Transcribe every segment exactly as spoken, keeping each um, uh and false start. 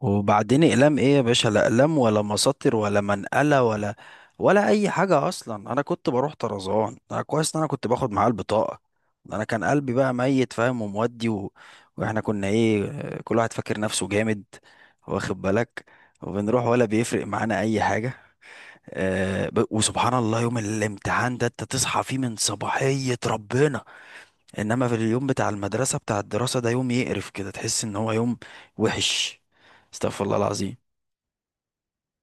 وبعدين اقلام ايه يا باشا؟ لا اقلام ولا مساطر ولا منقله ولا ولا اي حاجه اصلا. انا كنت بروح طرزان، انا كويس ان انا كنت باخد معاه البطاقه. انا كان قلبي بقى ميت فاهم ومودي و... واحنا كنا ايه آه، كل واحد فاكر نفسه جامد، واخد بالك؟ وبنروح ولا بيفرق معانا اي حاجه. أه ب... وسبحان الله يوم الامتحان ده انت تصحى فيه من صباحيه ربنا، انما في اليوم بتاع المدرسه بتاع الدراسه ده يوم يقرف كده، تحس ان هو يوم وحش. استغفر الله العظيم.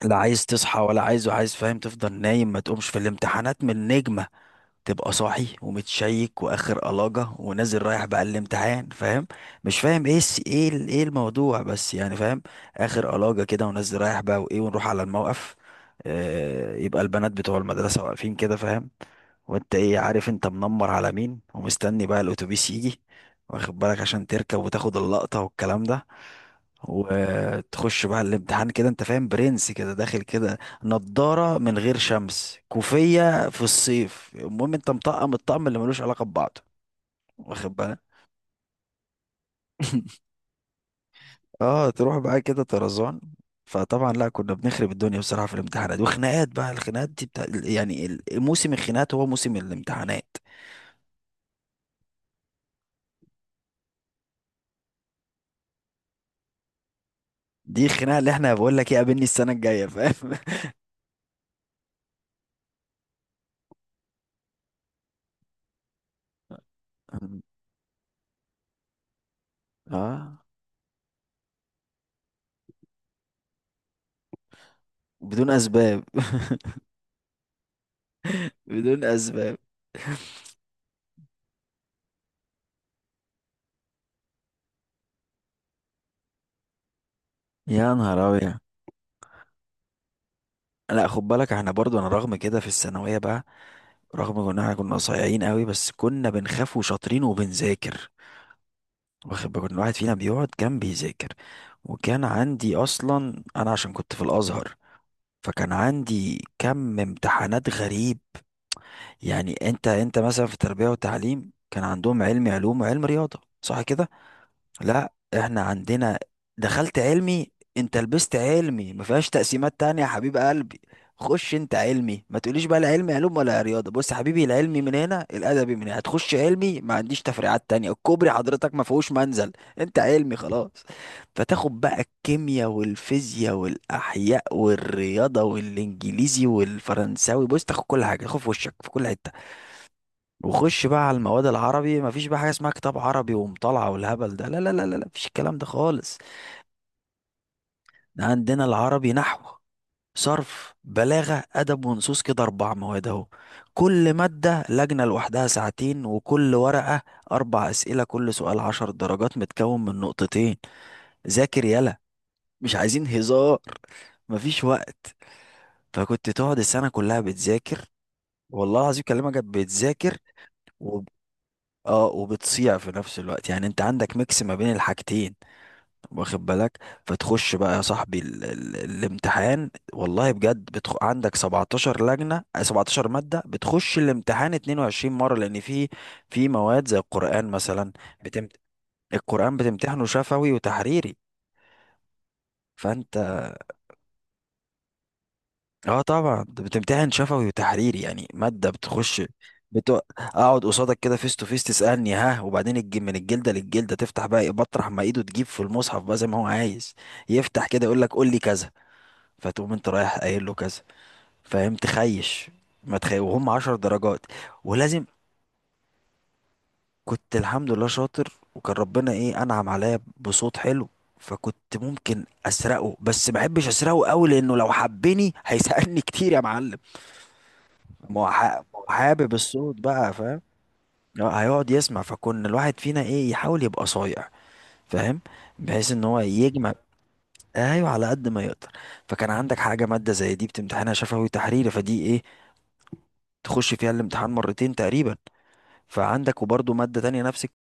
لا عايز تصحى ولا عايز وعايز فاهم، تفضل نايم، ما تقومش. في الامتحانات من نجمة تبقى صاحي ومتشيك واخر قلاجة ونازل رايح بقى الامتحان فاهم، مش فاهم ايه الس- ايه ال- ايه الموضوع بس، يعني فاهم، اخر قلاجة كده ونازل رايح بقى وايه، ونروح على الموقف. آه يبقى البنات بتوع المدرسة واقفين كده فاهم، وانت ايه عارف انت منمر على مين ومستني بقى الاتوبيس يجي، واخد بالك، عشان تركب وتاخد اللقطة والكلام ده. وتخش بقى الامتحان كده انت فاهم، برنس كده داخل كده، نضارة من غير شمس، كوفية في الصيف، المهم انت مطقم الطقم اللي ملوش علاقة ببعضه، واخد بالك. اه تروح بقى كده طرزان. فطبعا لا، كنا بنخرب الدنيا بصراحة في الامتحانات، وخناقات بقى. الخناقات دي بتاع يعني ال- موسم الخناقات هو موسم الامتحانات، دي الخناقه اللي احنا بقول لك ايه قابلني السنه الجايه فاهم. اه، بدون اسباب. بدون اسباب. يا نهار ابيض. لا خد بالك، احنا برضو انا رغم كده في الثانويه بقى، رغم ان احنا كنا صايعين قوي بس كنا بنخاف وشاطرين وبنذاكر، واخد بالك. كل واحد فينا بيقعد كان بيذاكر، وكان عندي اصلا انا عشان كنت في الازهر، فكان عندي كم امتحانات غريب. يعني انت انت مثلا في تربيه وتعليم كان عندهم علم علوم وعلم رياضه صح كده؟ لا، احنا عندنا دخلت علمي. انت لبست علمي ما فيهاش تقسيمات تانية يا حبيب قلبي. خش انت علمي، ما تقوليش بقى لا علمي علوم ولا رياضة. بص يا حبيبي، العلمي من هنا، الادبي من هنا. هتخش علمي ما عنديش تفريعات تانية. الكوبري حضرتك ما فيهوش منزل. انت علمي خلاص. فتاخد بقى الكيمياء والفيزياء والاحياء والرياضة والانجليزي والفرنساوي. بص تاخد كل حاجة، تاخد في وشك في كل حتة. وخش بقى على المواد العربي، مفيش بقى حاجة اسمها كتاب عربي ومطالعة والهبل ده، لا لا لا لا لا، مفيش الكلام ده خالص. ده عندنا العربي نحو، صرف، بلاغة، أدب ونصوص، كده أربع مواد أهو. كل مادة لجنة لوحدها ساعتين، وكل ورقة أربع أسئلة، كل سؤال عشر درجات متكون من نقطتين. ذاكر يلا، مش عايزين هزار، مفيش وقت. فكنت تقعد السنة كلها بتذاكر، والله العظيم كلمة كانت بتذاكر. اه وبتصيع في نفس الوقت، يعني انت عندك ميكس ما بين الحاجتين، واخد بالك. فتخش بقى يا صاحبي ال ال الامتحان والله بجد بتخ... عندك سبعتاشر لجنة آه، سبعتاشر مادة بتخش الامتحان اتنين وعشرين مرة، لان في في مواد زي القرآن مثلا. بتمت... القرآن بتمتحنه شفوي وتحريري. فانت، اه طبعا انت بتمتحن شفوي وتحريري، يعني مادة بتخش. بتو... اقعد قصادك كده فيس تو فيس، تسألني ها؟ وبعدين الج... من الجلدة للجلدة، تفتح بقى إيه، بطرح ما ايده تجيب في المصحف بقى زي ما هو عايز، يفتح كده يقول لك قول لي كذا، فتقوم انت رايح قايل له كذا، فاهم. تخيش، ما تخيش، وهم عشر درجات، ولازم. كنت الحمد لله شاطر، وكان ربنا ايه انعم عليا بصوت حلو، فكنت ممكن اسرقه بس ما احبش اسرقه قوي، لانه لو حبني هيسألني كتير يا معلم. ما هو ح- ما هو حابب الصوت بقى فاهم، آه، هيقعد يسمع. فكنا الواحد فينا ايه يحاول يبقى صايع فاهم، بحيث ان هو يجمع. ايوه على قد ما يقدر. فكان عندك حاجه ماده زي دي بتمتحنها شفوي تحريري، فدي ايه تخش فيها الامتحان مرتين تقريبا. فعندك وبرضه ماده تانية نفس الك-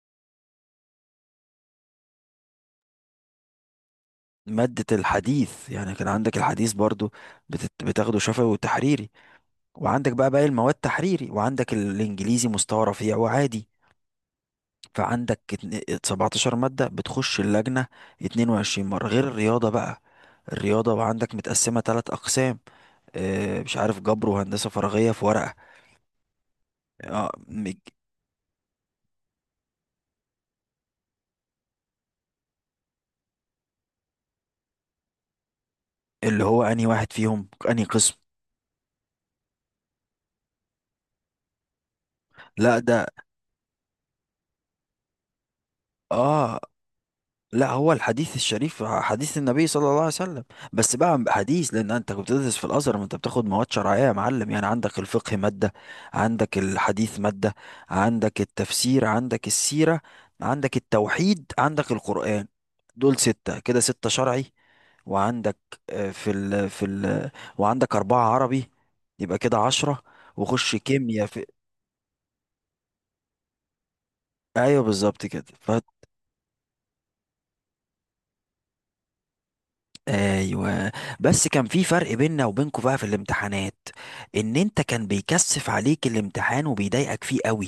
ماده الحديث، يعني كان عندك الحديث برضه بتت- بتاخده شفوي وتحريري. وعندك بقى باقي المواد تحريري، وعندك الانجليزي مستوى رفيع وعادي. فعندك اتن- سبعتاشر مادة بتخش اللجنة اتنين وعشرين مرة، غير الرياضة بقى. الرياضة وعندك متقسمة تلات أقسام، اه مش عارف، جبر وهندسة فراغية في ورقة. اه مج- اللي هو أنهي واحد فيهم أنهي قسم. لا ده، اه، لا هو الحديث الشريف حديث النبي صلى الله عليه وسلم، بس بقى حديث لان انت كنت بتدرس في الازهر، ما انت بتاخد مواد شرعيه يا معلم. يعني عندك الفقه ماده، عندك الحديث ماده، عندك التفسير، عندك السيره، عندك التوحيد، عندك القران. دول سته كده، سته شرعي. وعندك آه، في ال في ال وعندك أربعة عربي، يبقى كده عشرة. وخش كيمياء في. أيوه بالظبط كده. ايوه. بس كان في فرق بيننا وبينكوا بقى في الامتحانات، ان انت كان بيكثف عليك الامتحان وبيضايقك فيه قوي،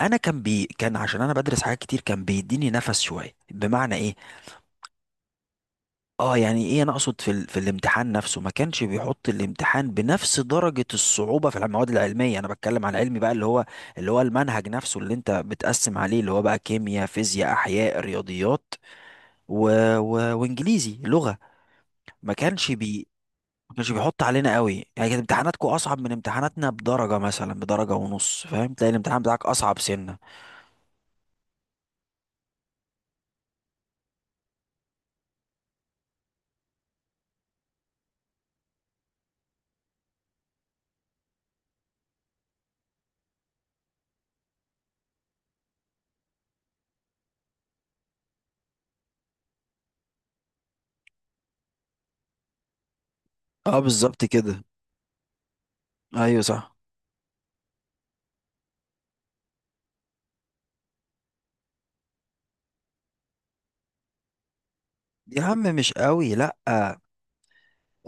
انا كان بي كان عشان انا بدرس حاجات كتير كان بيديني نفس شويه، بمعنى ايه؟ اه يعني ايه، انا اقصد في ال... في الامتحان نفسه ما كانش بيحط الامتحان بنفس درجه الصعوبه في المواد العلميه، انا بتكلم على العلمي بقى، اللي هو اللي هو المنهج نفسه اللي انت بتقسم عليه، اللي هو بقى كيمياء فيزياء احياء رياضيات، و... و... وانجليزي لغه. ما كانش بي ما كانش بيحط علينا قوي، يعني كانت امتحاناتكم اصعب من امتحاناتنا بدرجه مثلا بدرجه ونص فاهم، تلاقي الامتحان بتاعك اصعب سنه. اه بالظبط كده. ايوه صح. يا عم مش قوي لا.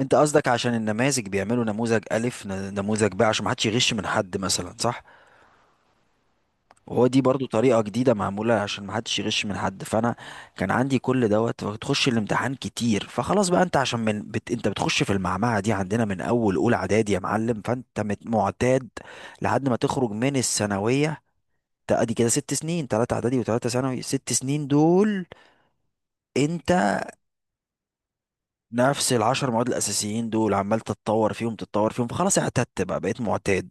انت قصدك عشان النماذج بيعملوا نموذج الف ن- نموذج ب عشان ما حدش يغش من حد مثلا صح، وهو دي برضو طريقة جديدة معمولة عشان محدش يغش من حد. فأنا كان عندي كل دوت وتخش الامتحان كتير فخلاص بقى. أنت عشان من بت... أنت بتخش في المعمعة دي عندنا من أول أولى إعدادي يا معلم، فأنت مت- معتاد لحد ما تخرج من الثانوية. ت- أدي كده ست سنين، تلاتة إعدادي وتلاتة ثانوي، ست سنين دول أنت نفس العشر مواد الأساسيين دول، عمال تتطور فيهم تتطور فيهم، فخلاص اعتدت بقى، بقيت معتاد.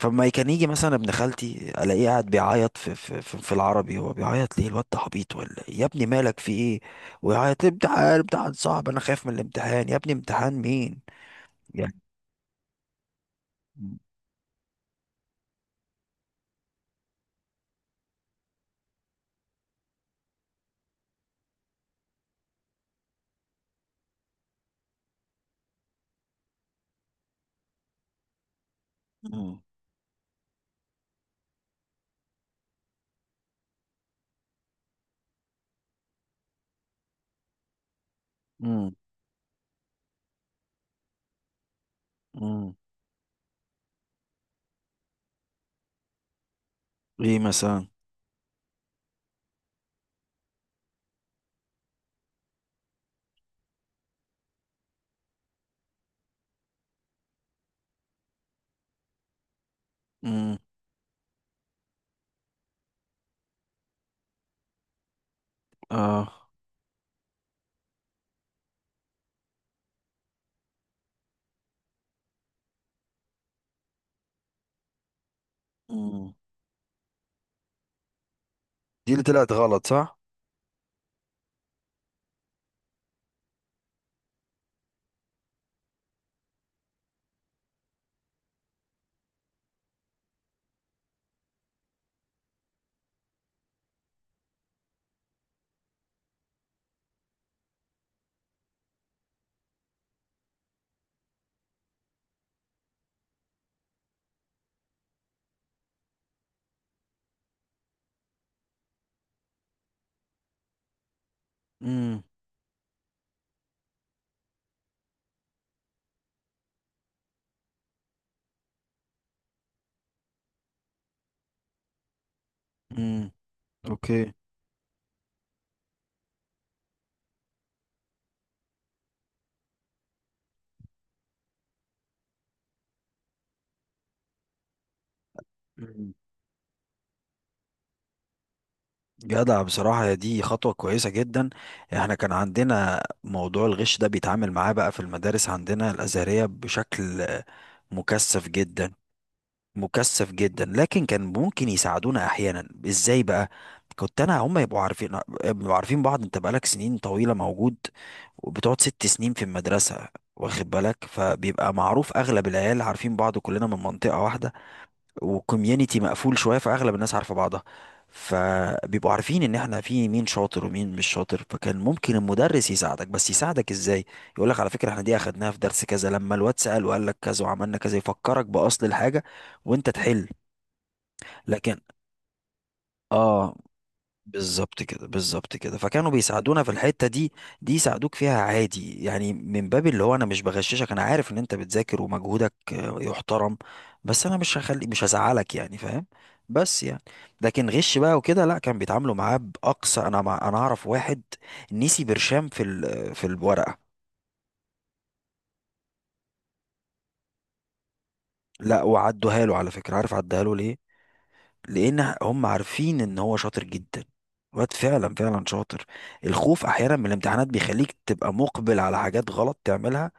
فما كان يجي مثلا ابن خالتي الاقيه قاعد بيعيط في في في, في العربي، هو بيعيط ليه الواد ده عبيط ولا إيه؟ يا ابني مالك في ايه؟ ويعيط، امتحان، امتحان صعب، انا خايف من الامتحان، يا ابني امتحان مين يعني. مم. مم. مم. ايه مثلا؟ مم. اه. مم. دي اللي طلعت غلط صح. مم. مم. اوكي. مم. جدع بصراحة، يا دي خطوة كويسة جدا. احنا كان عندنا موضوع الغش ده بيتعامل معاه بقى في المدارس عندنا الأزهرية بشكل مكثف جدا. مكثف جدا، لكن كان ممكن يساعدونا احيانا ازاي بقى، كنت انا هم يبقوا عارفين، يبقوا عارفين بعض، انت بقالك سنين طويلة موجود، وبتقعد ست سنين في المدرسة، واخد بالك، فبيبقى معروف اغلب العيال عارفين بعض، كلنا من منطقة واحدة وكوميونتي مقفول شويه، فاغلب الناس عارفه بعضها، فبيبقوا عارفين ان احنا في مين شاطر ومين مش شاطر. فكان ممكن المدرس يساعدك، بس يساعدك ازاي؟ يقول لك على فكره احنا دي اخدناها في درس كذا لما الواد سال وقال لك كذا وعملنا كذا، يفكرك باصل الحاجه وانت تحل. لكن اه بالظبط كده بالظبط كده، فكانوا بيساعدونا في الحتة دي. دي يساعدوك فيها عادي، يعني من باب اللي هو انا مش بغششك، انا عارف ان انت بتذاكر ومجهودك آه، يحترم، بس انا مش هخلي مش هزعلك يعني فاهم. بس يعني، لكن غش بقى وكده لا، كان بيتعاملوا معاه بأقصى. انا مع، انا اعرف واحد نسي برشام في ال... في الورقة. لا وعدوها له على فكرة، عارف عدها له ليه؟ لان هم عارفين ان هو شاطر جدا، واد فعلا فعلا شاطر. الخوف احيانا من الامتحانات بيخليك تبقى مقبل على حاجات غلط تعملها،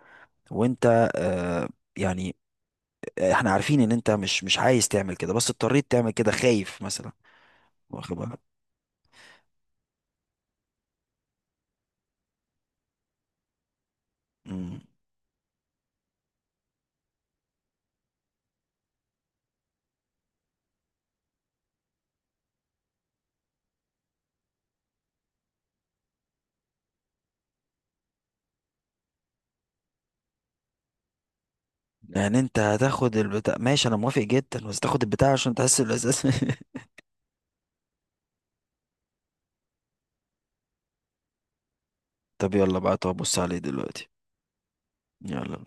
وانت آه يعني، آه، احنا عارفين ان انت مش مش عايز تعمل كده، بس اضطريت تعمل كده خايف مثلا، واخد بالك. مم. يعني انت هتاخد البتاع ماشي، انا موافق جدا، بس تاخد البتاع عشان تحس الاحساس. طب يلا بقى، طب بص عليه دلوقتي. يلا.